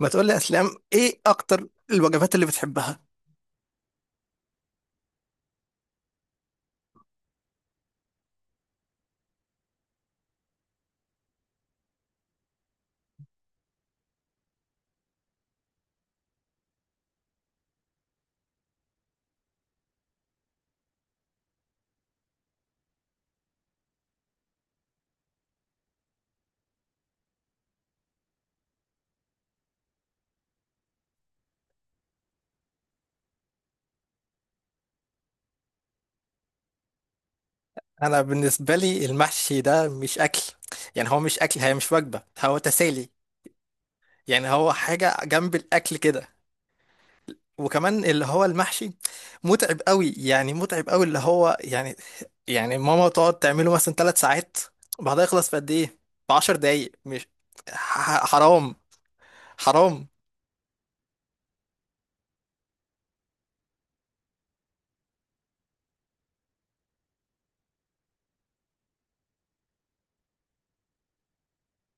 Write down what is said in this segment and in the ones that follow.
ما تقول لي اسلام، ايه اكتر الوجبات اللي بتحبها؟ انا بالنسبه لي المحشي ده مش اكل. يعني هو مش اكل، هي مش وجبه، هو تسالي. يعني هو حاجه جنب الاكل كده. وكمان اللي هو المحشي متعب قوي، يعني متعب قوي اللي هو يعني. يعني ماما تقعد تعمله مثلا ثلاث ساعات، بعدها يخلص في قد ايه؟ في 10 دقايق، مش حرام، حرام.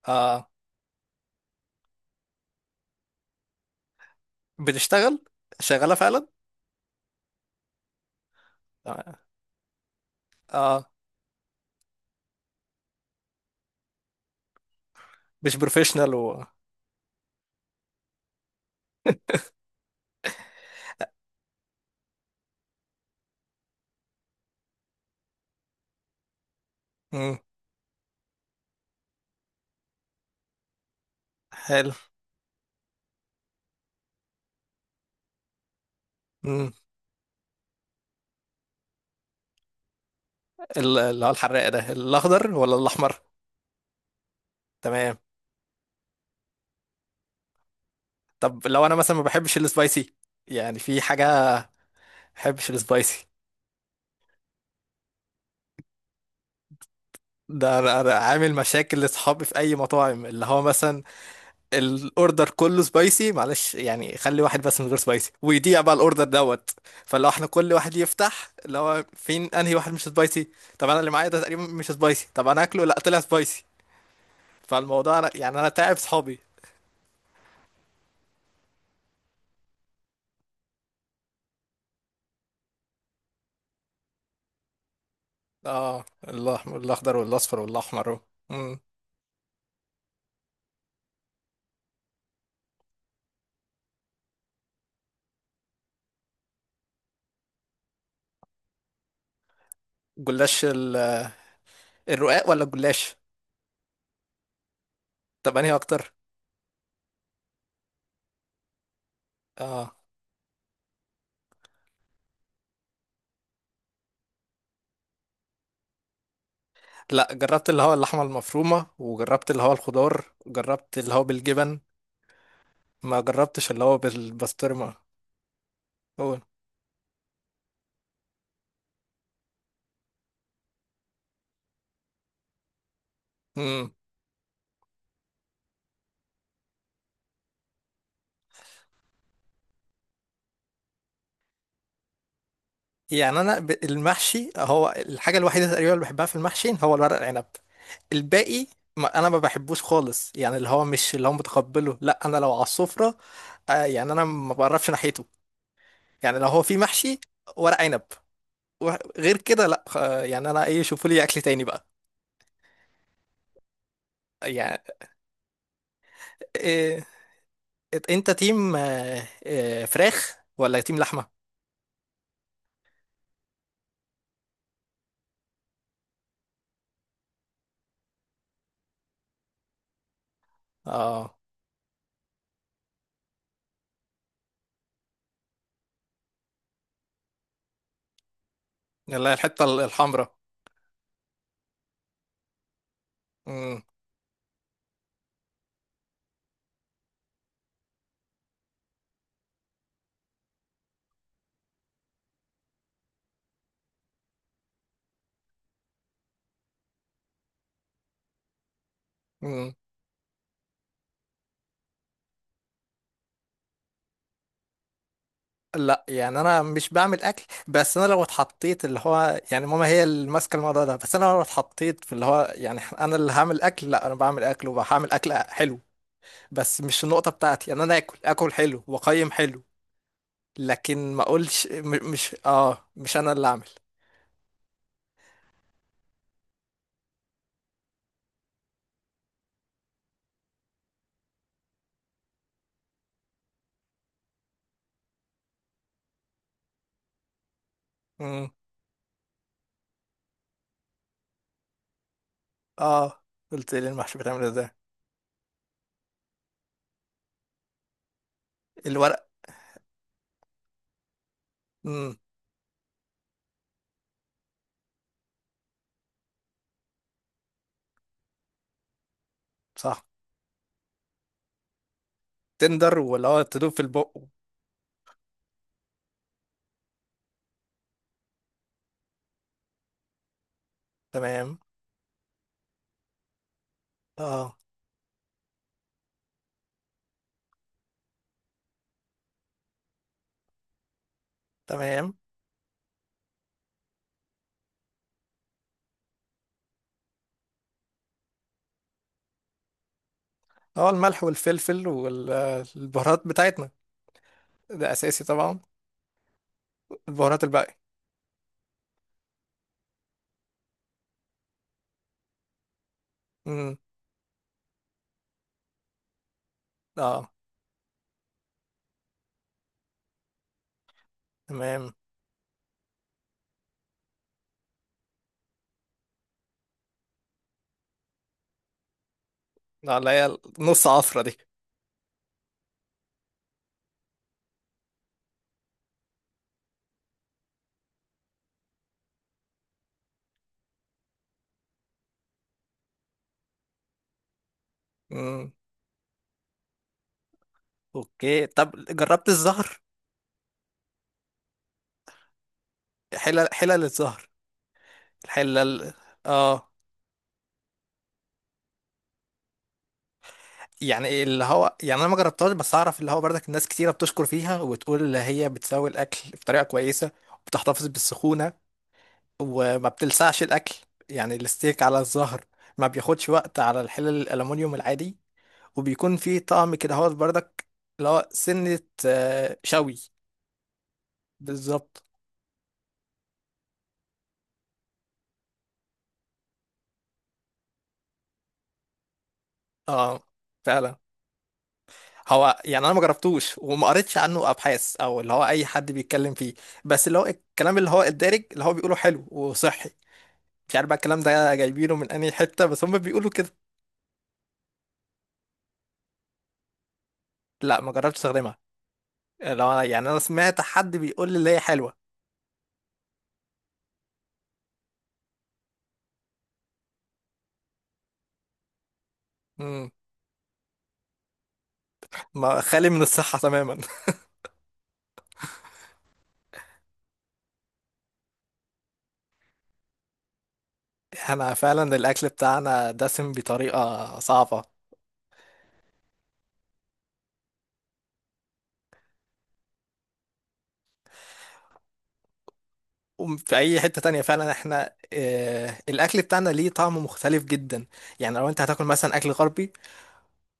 آه، بتشتغل، شغاله فعلا. اه، آه، مش بروفيشنال و... مم، حلو. اللي هو الحراق ده، الاخضر ولا الاحمر؟ تمام. طب لو انا مثلا ما بحبش السبايسي، يعني في حاجه، ما بحبش السبايسي. ده انا عامل مشاكل لاصحابي في اي مطاعم، اللي هو مثلا الاوردر كله سبايسي، معلش يعني خلي واحد بس من غير سبايسي، ويضيع بقى الاوردر دوت. فلو احنا كل واحد يفتح، اللي هو فين انهي واحد مش سبايسي؟ طب انا اللي معايا ده تقريبا مش سبايسي، طب انا اكله، لا طلع سبايسي. فالموضوع، أنا يعني انا تعب صحابي. اه، الاحمر، الاخضر والاصفر والاحمر. جلاش، الرقاق ولا الجلاش؟ طب انهي اكتر؟ اه، لا، جربت اللي هو اللحمه المفرومه، وجربت اللي هو الخضار، جربت اللي هو بالجبن، ما جربتش اللي هو بالبسطرمه. هو، امم يعني المحشي هو الحاجه الوحيده تقريبا اللي بحبها في المحشي، هو الورق العنب. الباقي ما انا ما بحبوش خالص، يعني اللي هو مش اللي هو متقبله، لا انا لو على السفره، يعني انا ما بقربش ناحيته. يعني لو هو في محشي ورق عنب، وغير كده لا يعني انا ايه، شوفوا لي اكل تاني بقى. يعني إيه؟ إيه، انت تيم فراخ ولا تيم لحمه؟ اه، لا، الحته الحمراء. مم، مم. لا يعني انا مش بعمل اكل، بس انا لو اتحطيت اللي هو يعني ماما هي اللي ماسكه الموضوع ده، بس انا لو اتحطيت في اللي هو يعني انا اللي هعمل اكل، لا انا بعمل اكل وهعمل اكل حلو. بس مش النقطه بتاعتي، يعني انا اكل اكل حلو واقيم حلو، لكن ما اقولش، مش اه، مش انا اللي اعمل. مم. اه، قلت لي المحشي بتعمل ازاي. الورق. امم صح. تندر، واللي هو تدوب في البق، تمام. اه، تمام. اه، الملح والفلفل والبهارات بتاعتنا. ده اساسي طبعا. البهارات الباقية. امم. اه، تمام. اه، اللي هي نص عفرة دي. امم. اوكي، طب جربت الزهر؟ حلل، حلل الزهر، الحلل. اه يعني إيه؟ اللي هو يعني انا ما جربتهاش، بس اعرف اللي هو برضك الناس كتيره بتشكر فيها، وتقول اللي هي بتساوي الاكل بطريقه كويسه، وبتحتفظ بالسخونه، وما بتلسعش الاكل. يعني الستيك على الظهر ما بياخدش وقت على الحلل الالومنيوم العادي، وبيكون فيه طعم كده هو بردك، اللي هو سنة، شوي. بالظبط. اه، فعلا. هو يعني انا ما جربتوش وما قريتش عنه ابحاث، او اللي هو اي حد بيتكلم فيه، بس اللي هو الكلام اللي هو الدارج اللي هو بيقوله حلو وصحي. مش عارف بقى الكلام ده جايبينه من انهي حتة، بس هم بيقولوا كده. لا، ما جربتش استخدمها. لو يعني انا سمعت حد بيقول لي اللي هي حلوة. ما خالي من الصحة تماما احنا فعلا الأكل بتاعنا دسم بطريقة صعبة، وفي أي حتة تانية فعلا احنا، اه، الأكل بتاعنا ليه طعم مختلف جدا. يعني لو أنت هتاكل مثلا أكل غربي،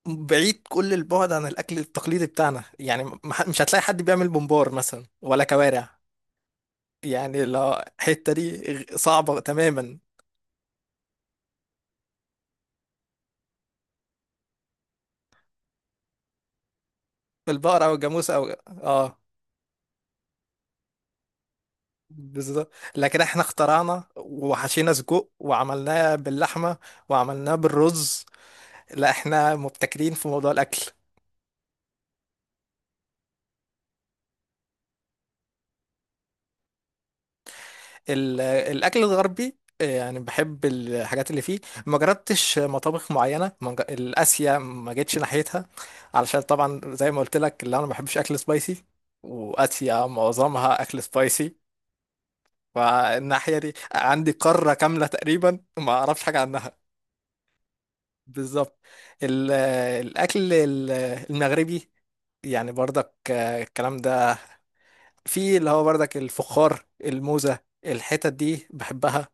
بعيد كل البعد عن الأكل التقليدي بتاعنا، يعني مش هتلاقي حد بيعمل بمبار مثلا ولا كوارع. يعني لو الحتة دي صعبة تماما. في البقرة أو الجاموس أو اه، بالظبط. لكن احنا اخترعنا، وحشينا سجق وعملناه باللحمة، وعملناه بالرز. لا، احنا مبتكرين في موضوع الاكل. الاكل الغربي يعني بحب الحاجات اللي فيه. ما جربتش مطابخ معينه، ما ج- الاسيا ما جيتش ناحيتها، علشان طبعا زي ما قلت لك، اللي انا ما بحبش اكل سبايسي، واسيا معظمها اكل سبايسي. فالناحيه دي عندي قاره كامله تقريبا ما اعرفش حاجه عنها. بالظبط. ال- الاكل المغربي يعني برضك، الكلام ده، في اللي هو بردك الفخار، الموزة، الحتت دي بحبها.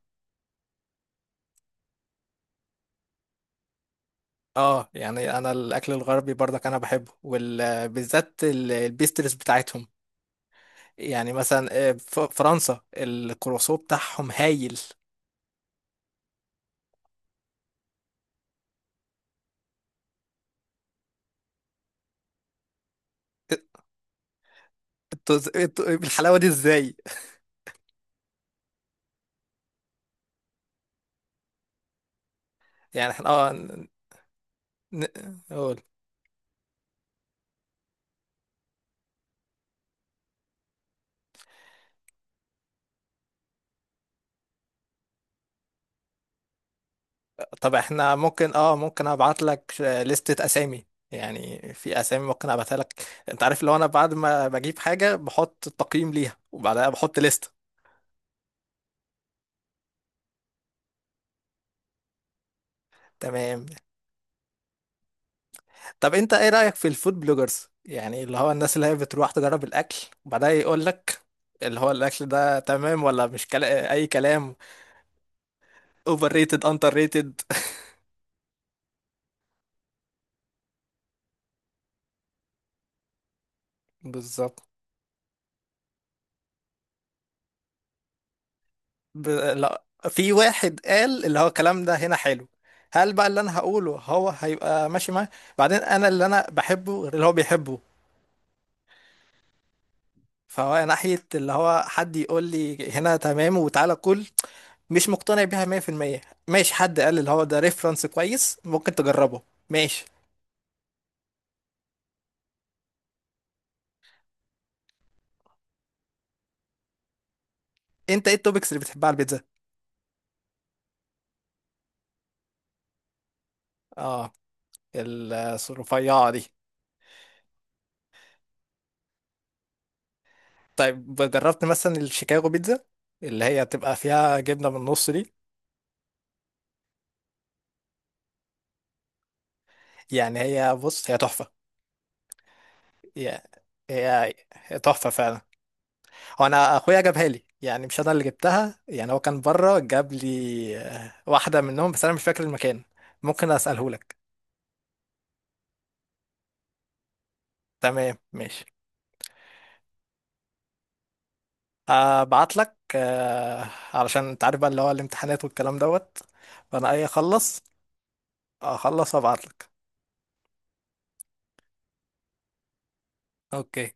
اه، يعني انا الاكل الغربي بردك انا بحبه، وبالذات البيسترز بتاعتهم. يعني مثلا فرنسا الكروسو بتاعهم هايل. انتوا انتوا بالحلاوة دي ازاي؟ يعني احنا اه قول. طب احنا ممكن اه ممكن ابعت لك لستة اسامي، يعني في اسامي ممكن ابعتها لك. انت عارف لو انا بعد ما بجيب حاجة بحط تقييم ليها، وبعدها بحط لستة. تمام. طب انت ايه رأيك في الفود بلوجرز، يعني اللي هو الناس اللي هي بتروح تجرب الاكل، وبعدها يقول لك اللي هو الاكل ده تمام ولا مش اي كلام، اوفر ريتد، اندر ريتد. بالظبط. لا، في واحد قال اللي هو الكلام ده هنا حلو، هل بقى اللي انا هقوله هو هيبقى ماشي معاه؟ بعدين انا اللي انا بحبه غير اللي هو بيحبه. فهو ناحية اللي هو حد يقول لي هنا تمام وتعالى كل، مش مقتنع بيها 100%. ماشي حد قال اللي هو ده ريفرنس كويس، ممكن تجربه. ماشي. انت ايه التوبكس اللي بتحبها على البيتزا؟ اه، ال- الرفيعه دي. طيب جربت مثلا الشيكاغو بيتزا، اللي هي تبقى فيها جبنه من النص دي؟ يعني هي، بص، هي تحفه. هي هي تحفه فعلا. هو انا اخويا جابها لي، يعني مش انا اللي جبتها، يعني هو كان بره جاب لي واحده منهم، بس انا مش فاكر المكان، ممكن اساله لك. تمام، ماشي. ابعت لك، علشان انت عارف بقى اللي هو الامتحانات والكلام دوت. فانا اي اخلص، اخلص وابعت لك. اوكي.